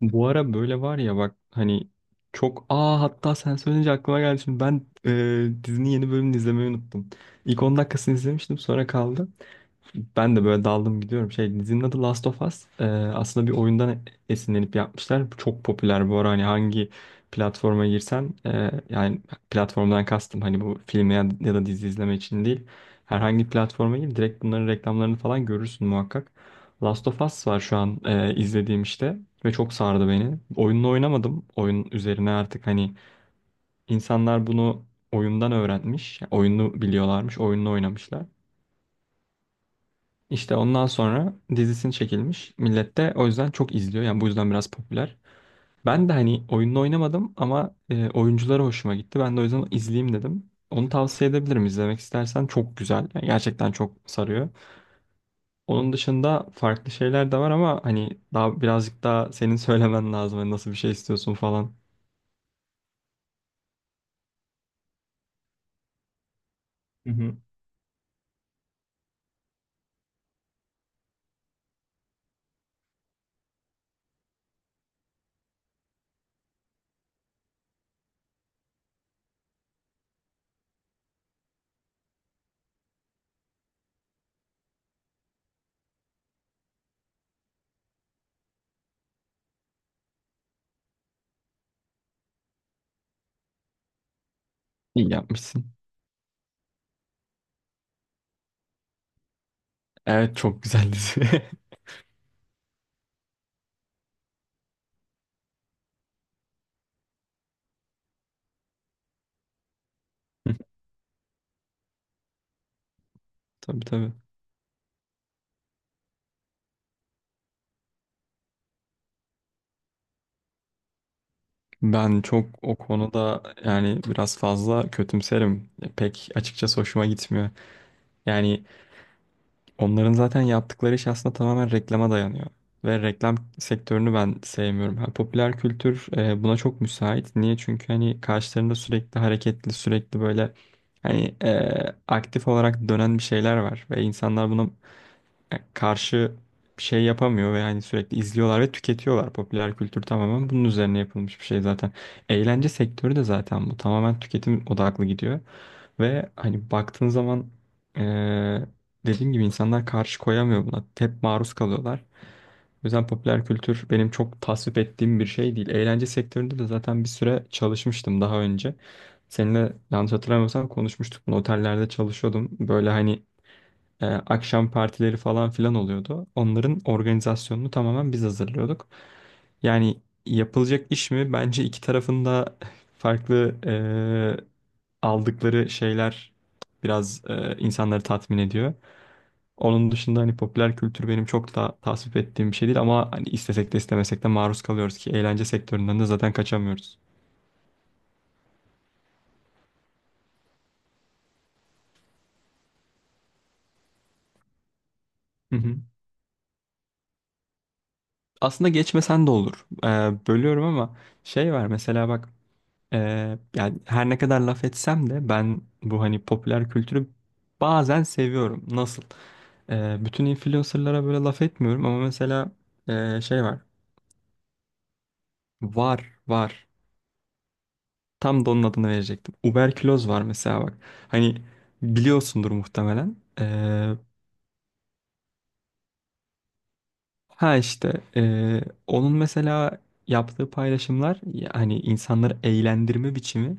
Bu ara böyle var ya bak hani çok hatta sen söyleyince aklıma geldi şimdi dizinin yeni bölümünü izlemeyi unuttum. İlk 10 dakikasını izlemiştim sonra kaldı. Ben de böyle daldım gidiyorum. Şey, dizinin adı Last of Us. Aslında bir oyundan esinlenip yapmışlar. Bu çok popüler bu ara, hani hangi platforma girsen yani platformdan kastım hani bu filmi ya, ya da dizi izleme için değil. Herhangi bir platforma gir, direkt bunların reklamlarını falan görürsün muhakkak. Last of Us var şu an izlediğim, işte ve çok sardı beni. Oyununu oynamadım. Oyun üzerine artık hani insanlar bunu oyundan öğrenmiş. Yani oyunu biliyorlarmış, oyununu oynamışlar. İşte ondan sonra dizisini çekilmiş. Millet de o yüzden çok izliyor. Yani bu yüzden biraz popüler. Ben de hani oyununu oynamadım ama oyuncuları hoşuma gitti. Ben de o yüzden izleyeyim dedim. Onu tavsiye edebilirim izlemek istersen. Çok güzel. Yani gerçekten çok sarıyor. Onun dışında farklı şeyler de var ama hani daha birazcık daha senin söylemen lazım. Hani nasıl bir şey istiyorsun falan. Hı hı. İyi yapmışsın. Evet, çok güzel dizi. Tabii, tabii. Ben çok o konuda yani biraz fazla kötümserim. Pek açıkçası hoşuma gitmiyor. Yani onların zaten yaptıkları iş aslında tamamen reklama dayanıyor. Ve reklam sektörünü ben sevmiyorum. Ha, popüler kültür buna çok müsait. Niye? Çünkü hani karşılarında sürekli hareketli, sürekli böyle hani aktif olarak dönen bir şeyler var. Ve insanlar buna yani karşı bir şey yapamıyor ve hani sürekli izliyorlar ve tüketiyorlar. Popüler kültür tamamen bunun üzerine yapılmış bir şey zaten. Eğlence sektörü de zaten bu tamamen tüketim odaklı gidiyor ve hani baktığın zaman eee, dediğim gibi insanlar karşı koyamıyor buna. Hep maruz kalıyorlar. O yüzden popüler kültür benim çok tasvip ettiğim bir şey değil. Eğlence sektöründe de zaten bir süre çalışmıştım daha önce. Seninle yanlış hatırlamıyorsam konuşmuştuk bunu. Otellerde çalışıyordum. Böyle hani akşam partileri falan filan oluyordu. Onların organizasyonunu tamamen biz hazırlıyorduk. Yani yapılacak iş mi? Bence iki tarafında farklı aldıkları şeyler biraz insanları tatmin ediyor. Onun dışında hani popüler kültür benim çok da tasvip ettiğim bir şey değil ama hani istesek de istemesek de maruz kalıyoruz ki eğlence sektöründen de zaten kaçamıyoruz. Hı hı. Aslında geçmesen de olur. Bölüyorum ama şey var mesela bak. Yani her ne kadar laf etsem de ben bu hani popüler kültürü bazen seviyorum. Nasıl? Bütün influencerlara böyle laf etmiyorum ama mesela şey var. Var, var. Tam da onun adını verecektim. Uberküloz var mesela bak. Hani biliyorsundur muhtemelen. Ha işte onun mesela yaptığı paylaşımlar yani insanları eğlendirme biçimi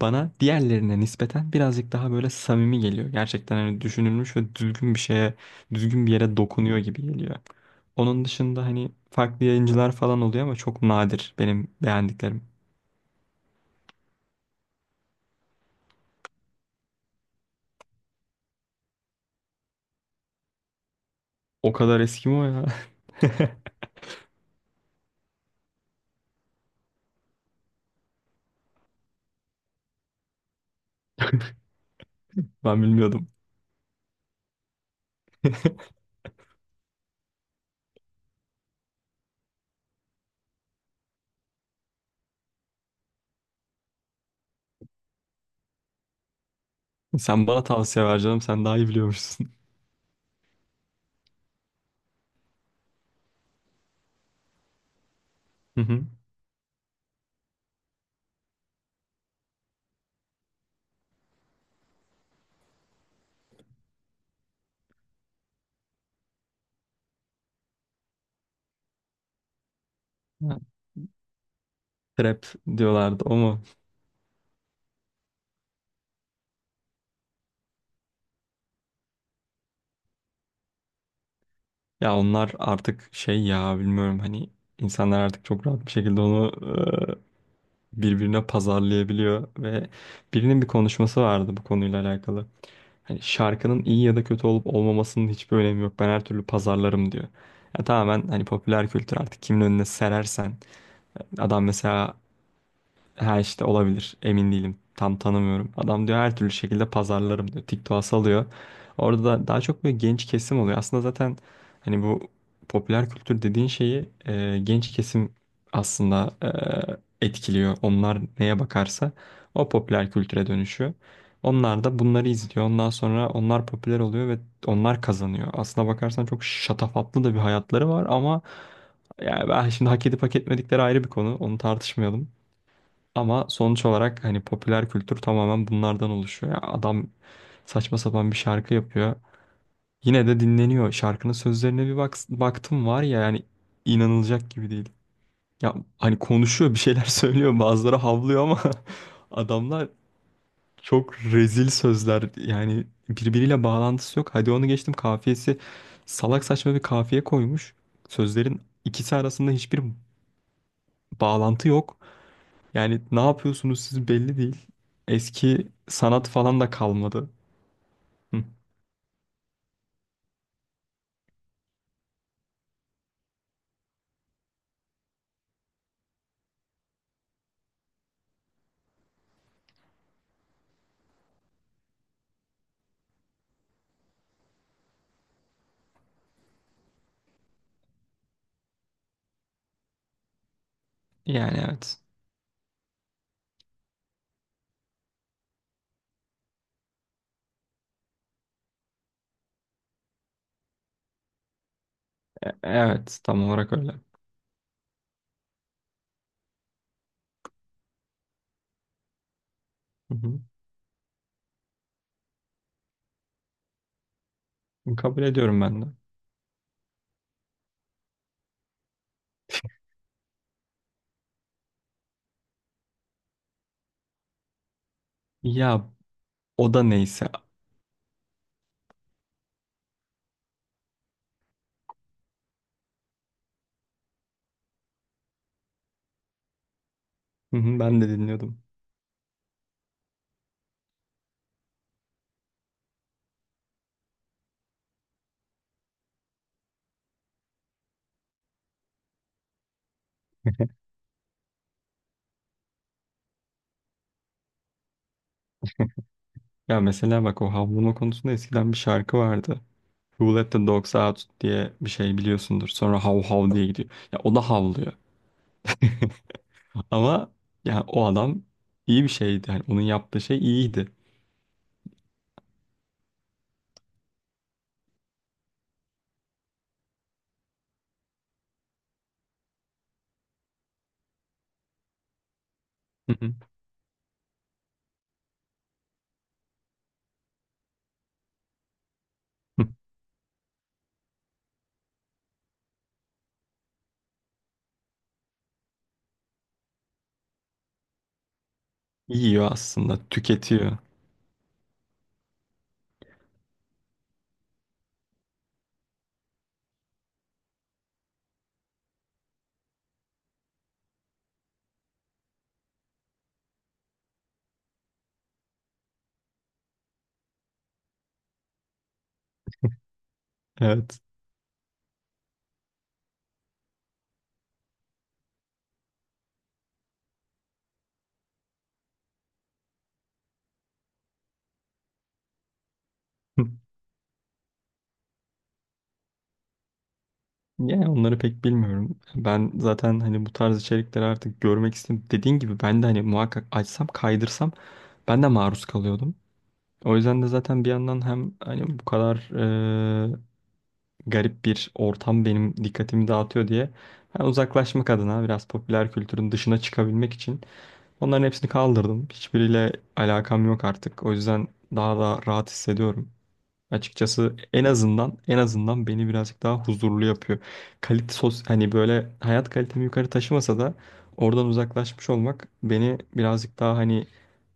bana diğerlerine nispeten birazcık daha böyle samimi geliyor. Gerçekten hani düşünülmüş ve düzgün bir şeye, düzgün bir yere dokunuyor gibi geliyor. Onun dışında hani farklı yayıncılar falan oluyor ama çok nadir benim beğendiklerim. O kadar eski mi o ya? Ben bilmiyordum. Sen bana tavsiye ver canım, sen daha iyi biliyormuşsun. Hı hı. Trap diyorlardı, o mu? Ya onlar artık şey ya, bilmiyorum, hani insanlar artık çok rahat bir şekilde onu birbirine pazarlayabiliyor ve birinin bir konuşması vardı bu konuyla alakalı. Hani şarkının iyi ya da kötü olup olmamasının hiçbir önemi yok. Ben her türlü pazarlarım diyor. Ya tamamen hani popüler kültür artık kimin önüne serersen adam mesela, ha işte olabilir. Emin değilim. Tam tanımıyorum. Adam diyor her türlü şekilde pazarlarım diyor. TikTok'a salıyor. Orada da daha çok böyle genç kesim oluyor. Aslında zaten hani bu popüler kültür dediğin şeyi genç kesim aslında etkiliyor. Onlar neye bakarsa o popüler kültüre dönüşüyor. Onlar da bunları izliyor. Ondan sonra onlar popüler oluyor ve onlar kazanıyor. Aslına bakarsan çok şatafatlı da bir hayatları var ama yani ben şimdi hak edip hak etmedikleri ayrı bir konu. Onu tartışmayalım. Ama sonuç olarak hani popüler kültür tamamen bunlardan oluşuyor. Ya adam saçma sapan bir şarkı yapıyor. Yine de dinleniyor. Şarkının sözlerine bir bak, baktım var ya yani inanılacak gibi değil. Ya hani konuşuyor bir şeyler söylüyor, bazıları havlıyor ama adamlar çok rezil sözler, yani birbiriyle bağlantısı yok. Hadi onu geçtim, kafiyesi salak saçma bir kafiye koymuş. Sözlerin ikisi arasında hiçbir bağlantı yok. Yani ne yapıyorsunuz siz belli değil. Eski sanat falan da kalmadı. Hı. Yani evet. Evet, tam olarak öyle. Hı hı. Kabul ediyorum ben de. Ya o da neyse. Hı hı, ben de dinliyordum. Ya mesela bak o havlama konusunda eskiden bir şarkı vardı. Who Let the Dogs Out diye bir şey biliyorsundur. Sonra hav hav diye gidiyor. Ya o da havlıyor. Ama yani o adam iyi bir şeydi. Yani onun yaptığı şey iyiydi. Hı hı. Hı. Yiyor aslında, tüketiyor. Evet. Hı. Yani onları pek bilmiyorum. Ben zaten hani bu tarz içerikleri artık görmek istedim. Dediğin gibi ben de hani muhakkak açsam kaydırsam ben de maruz kalıyordum. O yüzden de zaten bir yandan hem hani bu kadar e, garip bir ortam benim dikkatimi dağıtıyor diye ben uzaklaşmak adına biraz popüler kültürün dışına çıkabilmek için onların hepsini kaldırdım. Hiçbiriyle alakam yok artık. O yüzden daha da rahat hissediyorum. Açıkçası en azından, en azından beni birazcık daha huzurlu yapıyor. Kalite sos, hani böyle hayat kalitemi yukarı taşımasa da oradan uzaklaşmış olmak beni birazcık daha hani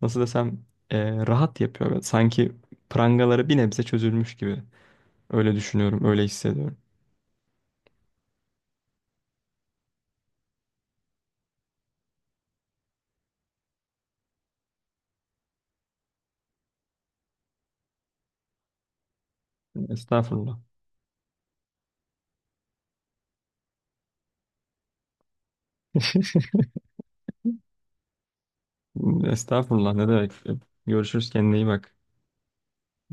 nasıl desem rahat yapıyor. Böyle sanki prangaları bir nebze çözülmüş gibi. Öyle düşünüyorum, öyle hissediyorum. Estağfurullah. Estağfurullah ne demek. Görüşürüz, kendine iyi bak.